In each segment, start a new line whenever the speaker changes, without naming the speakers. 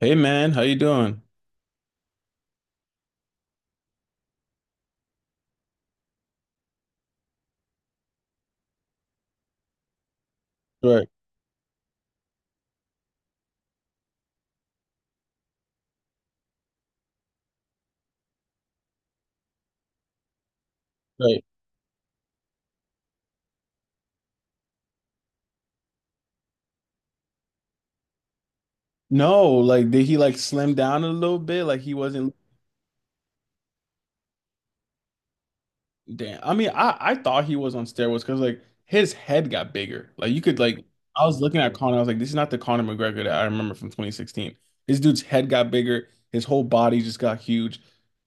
Hey man, how you doing? Right, right. No, like did he like slim down a little bit? Like he wasn't. Damn. I mean, I thought he was on steroids because like his head got bigger. Like you could like I was looking at Conor, I was like, this is not the Conor McGregor that I remember from 2016. This dude's head got bigger, his whole body just got huge.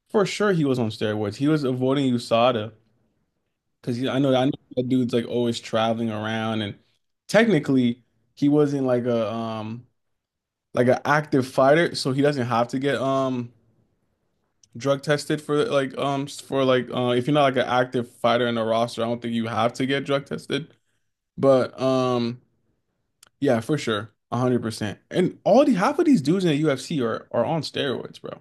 For sure, he was on steroids. He was avoiding USADA because I know that dude's like always traveling around and technically he wasn't like a like an active fighter, so he doesn't have to get drug tested for like if you're not like an active fighter in the roster, I don't think you have to get drug tested. But yeah, for sure. 100%. And all the half of these dudes in the UFC are on steroids, bro.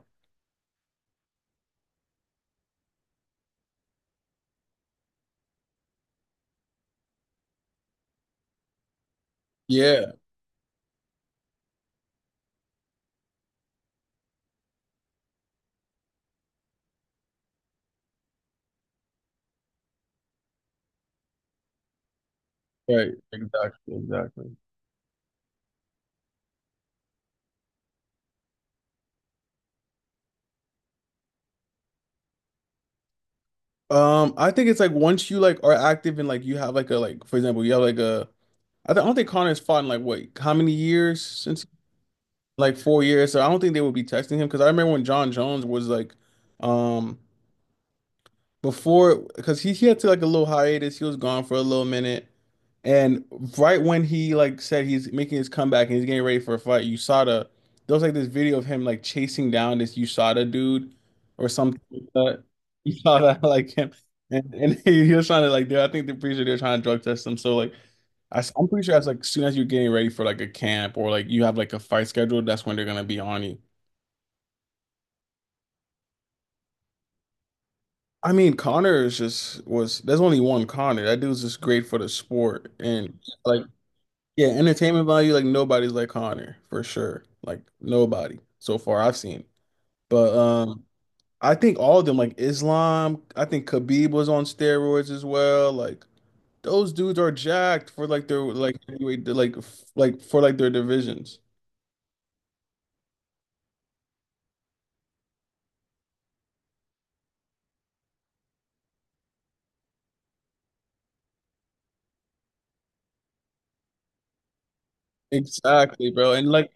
Yeah, right. Exactly, exactly. I think it's like once you like are active and like you have like a like for example, you have like a I don't think Connor's fought in like what how many years since like 4 years. So I don't think they would be texting him because I remember when John Jones was like, um, before because he had to like a little hiatus. He was gone for a little minute, and right when he like said he's making his comeback and he's getting ready for a fight, USADA, there was like this video of him like chasing down this USADA dude or something. Like that. You saw that like him. And he was trying to like, do I think they're pretty sure they're trying to drug test him. So like, am pretty sure that's like as soon as you're getting ready for like a camp or like you have like a fight scheduled, that's when they're gonna be on you. I mean, Connor is just was there's only one Connor. That dude's just great for the sport and like yeah, entertainment value, like nobody's like Connor for sure. Like nobody so far I've seen. But I think all of them, like Islam, I think Khabib was on steroids as well. Like those dudes are jacked for like their like anyway like like for like their divisions. Exactly, bro. And like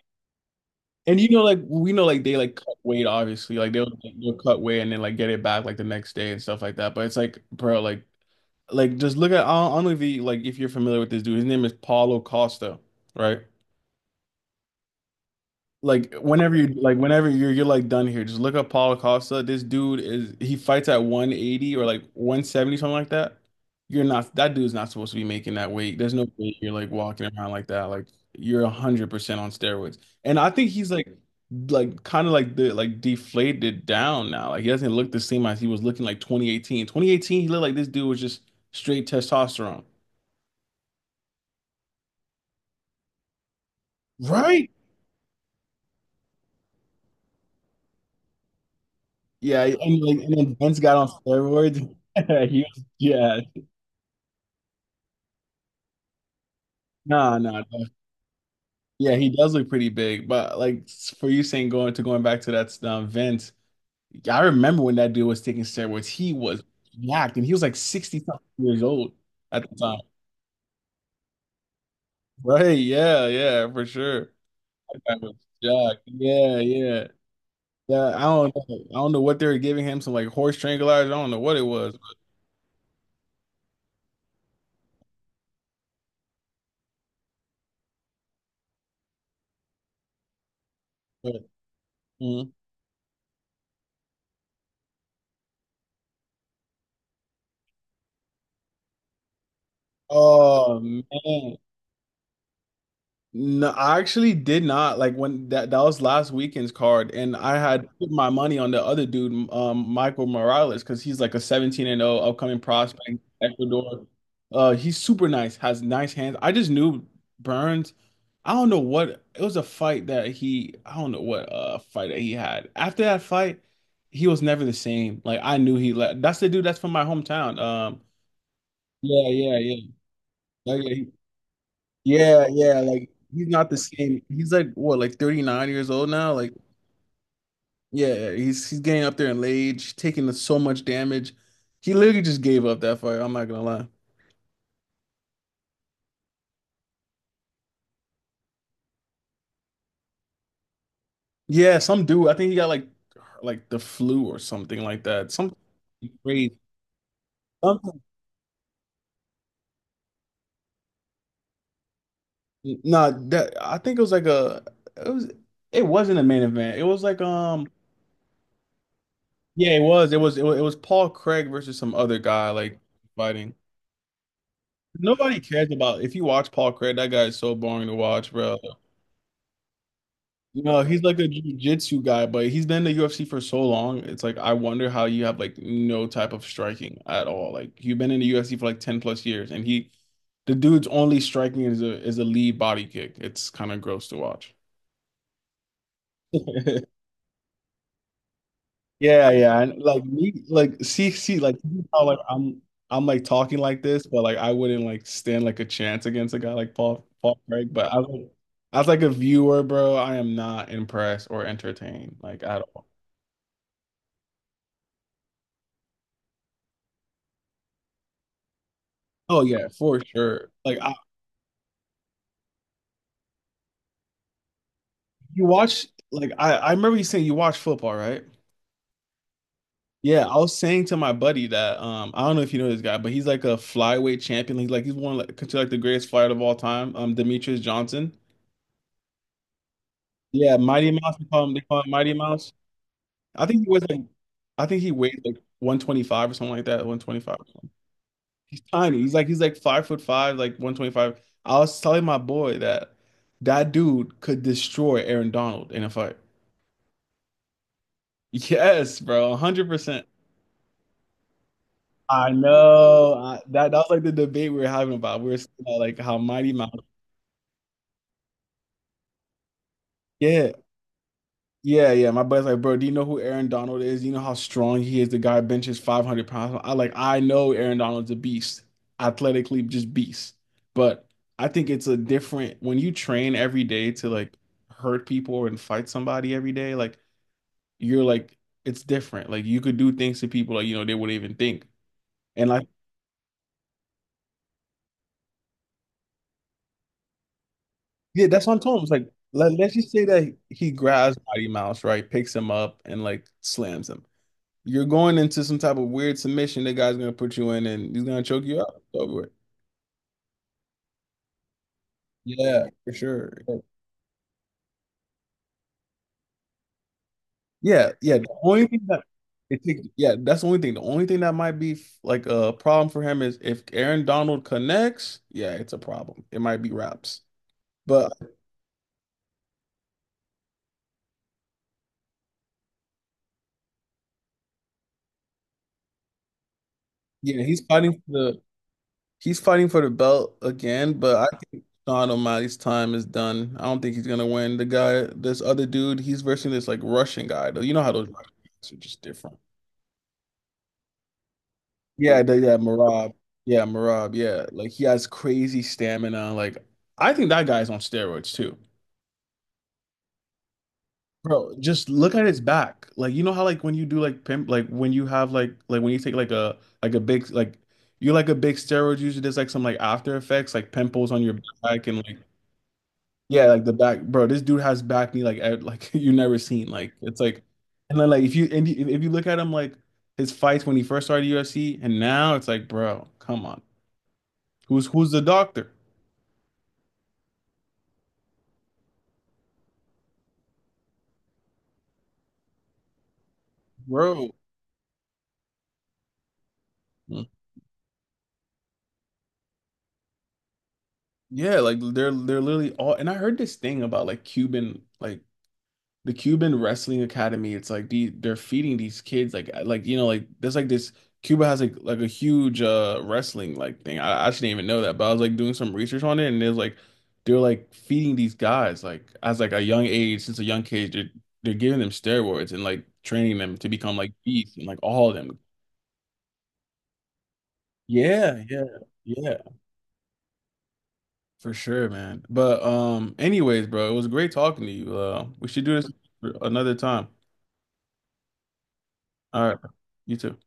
and you know, like we know, like they like cut weight, obviously. Like they'll cut weight and then like get it back like the next day and stuff like that. But it's like, bro, like just look at I don't know if you like if you're familiar with this dude. His name is Paulo Costa, right? Like whenever you like whenever you're like done here, just look up Paulo Costa. This dude is he fights at 180 or like 170, something like that. You're not that dude's not supposed to be making that weight. There's no way you're like walking around like that. Like you're 100% on steroids. And I think he's like kind of like the like deflated down now. Like he doesn't look the same as he was looking like 2018. 2018, he looked like this dude was just straight testosterone. Right? Yeah, and like and then Vince got on steroids. He was, yeah. No, no, no. Yeah, he does look pretty big, but like for you saying going to going back to that Vince, I remember when that dude was taking steroids, he was yacked and he was like 60 something years old at the time. Right, yeah, yeah, for sure. That guy was jacked. Yeah, yeah. Yeah, I don't know what they were giving him, some like horse tranquilizer. I don't know what it was. But, but- Mhm. Oh man. No, I actually did not like when that was last weekend's card, and I had put my money on the other dude, Michael Morales, because he's like a 17-0 upcoming prospect, Ecuador. He's super nice, has nice hands. I just knew Burns. I don't know what it was a fight that I don't know what fight that he had. After that fight, he was never the same. Like I knew he left. That's the dude that's from my hometown. Yeah, yeah, yeah. Like, yeah, yeah, yeah, like he's not the same. He's like what, like 39 years old now? Like, yeah, he's getting up there in age, taking so much damage. He literally just gave up that fight, I'm not gonna lie. Yeah, some dude, I think he got like the flu or something like that. Something crazy. Something, nah, that I think it was like a it was it wasn't a main event. It was like yeah, it was. It was Paul Craig versus some other guy like fighting. Nobody cares about if you watch Paul Craig, that guy is so boring to watch, bro. You know, he's like a jiu-jitsu guy, but he's been in the UFC for so long. It's like I wonder how you have like no type of striking at all. Like you've been in the UFC for like 10 plus years and he the dude's only striking is a lead body kick. It's kind of gross to watch. Yeah, yeah. And like me, like see, like how like I'm like talking like this, but like I wouldn't like stand like a chance against a guy like Paul Craig. But I was as like a viewer, bro, I am not impressed or entertained like at all. Oh yeah, for sure. Like you watch like I remember you saying you watch football, right? Yeah, I was saying to my buddy that I don't know if you know this guy, but he's like a flyweight champion. He's like he's one of, like considered like the greatest fighter of all time, Demetrius Johnson. Yeah, Mighty Mouse. They call him Mighty Mouse. I think he was like, I think he weighed like 125 or something like that. 125. He's tiny. He's like 5 foot 5, like 125. I was telling my boy that that dude could destroy Aaron Donald in a fight. Yes, bro, 100%. I know. That that was like the debate we were having about. We were saying about, like how Mighty Mouse. Yeah, yeah, yeah. My buddy's like, bro, do you know who Aaron Donald is? You know how strong he is. The guy benches 500 pounds. I know Aaron Donald's a beast, athletically just beast. But I think it's a different when you train every day to like hurt people or and fight somebody every day. Like you're like, it's different. Like you could do things to people like you know they wouldn't even think. And like, yeah, that's what I'm telling him. It's like, let's just say that he grabs Mighty Mouse, right? Picks him up and like slams him. You're going into some type of weird submission that guy's gonna put you in and he's gonna choke you out. Over with. Yeah, for sure. Yeah, yeah. The only thing that it takes, yeah, that's the only thing. The only thing that might be like a problem for him is if Aaron Donald connects, yeah, it's a problem. It might be wraps. But yeah, he's fighting for the belt again, but I think Sean O'Malley's time is done. I don't think he's gonna win. The guy, this other dude, he's versing this like Russian guy though. You know how those Russian guys are just different. Yeah, yeah, Marab. Yeah, Marab. Yeah, like he has crazy stamina. Like I think that guy's on steroids too, bro. Just look at his back. Like you know how like when you do like pimp, like when you have like when you take like a big like you're like a big steroid user. There's like some like after effects, like pimples on your back and like yeah, like the back, bro. This dude has back knee like like you never seen. Like it's like and then like if you and if you look at him like his fights when he first started UFC and now it's like, bro, come on. Who's the doctor? Bro, yeah, like they're literally all and I heard this thing about like Cuban like the Cuban Wrestling Academy. It's like they're feeding these kids like you know like there's like this Cuba has like a huge wrestling like thing. I actually didn't even know that, but I was like doing some research on it and there's like they're like feeding these guys like as like a young age since a young age they're giving them steroids and like training them to become like beasts and like all of them. Yeah, yeah, yeah. For sure, man. But anyways, bro, it was great talking to you. We should do this another time. All right. You too.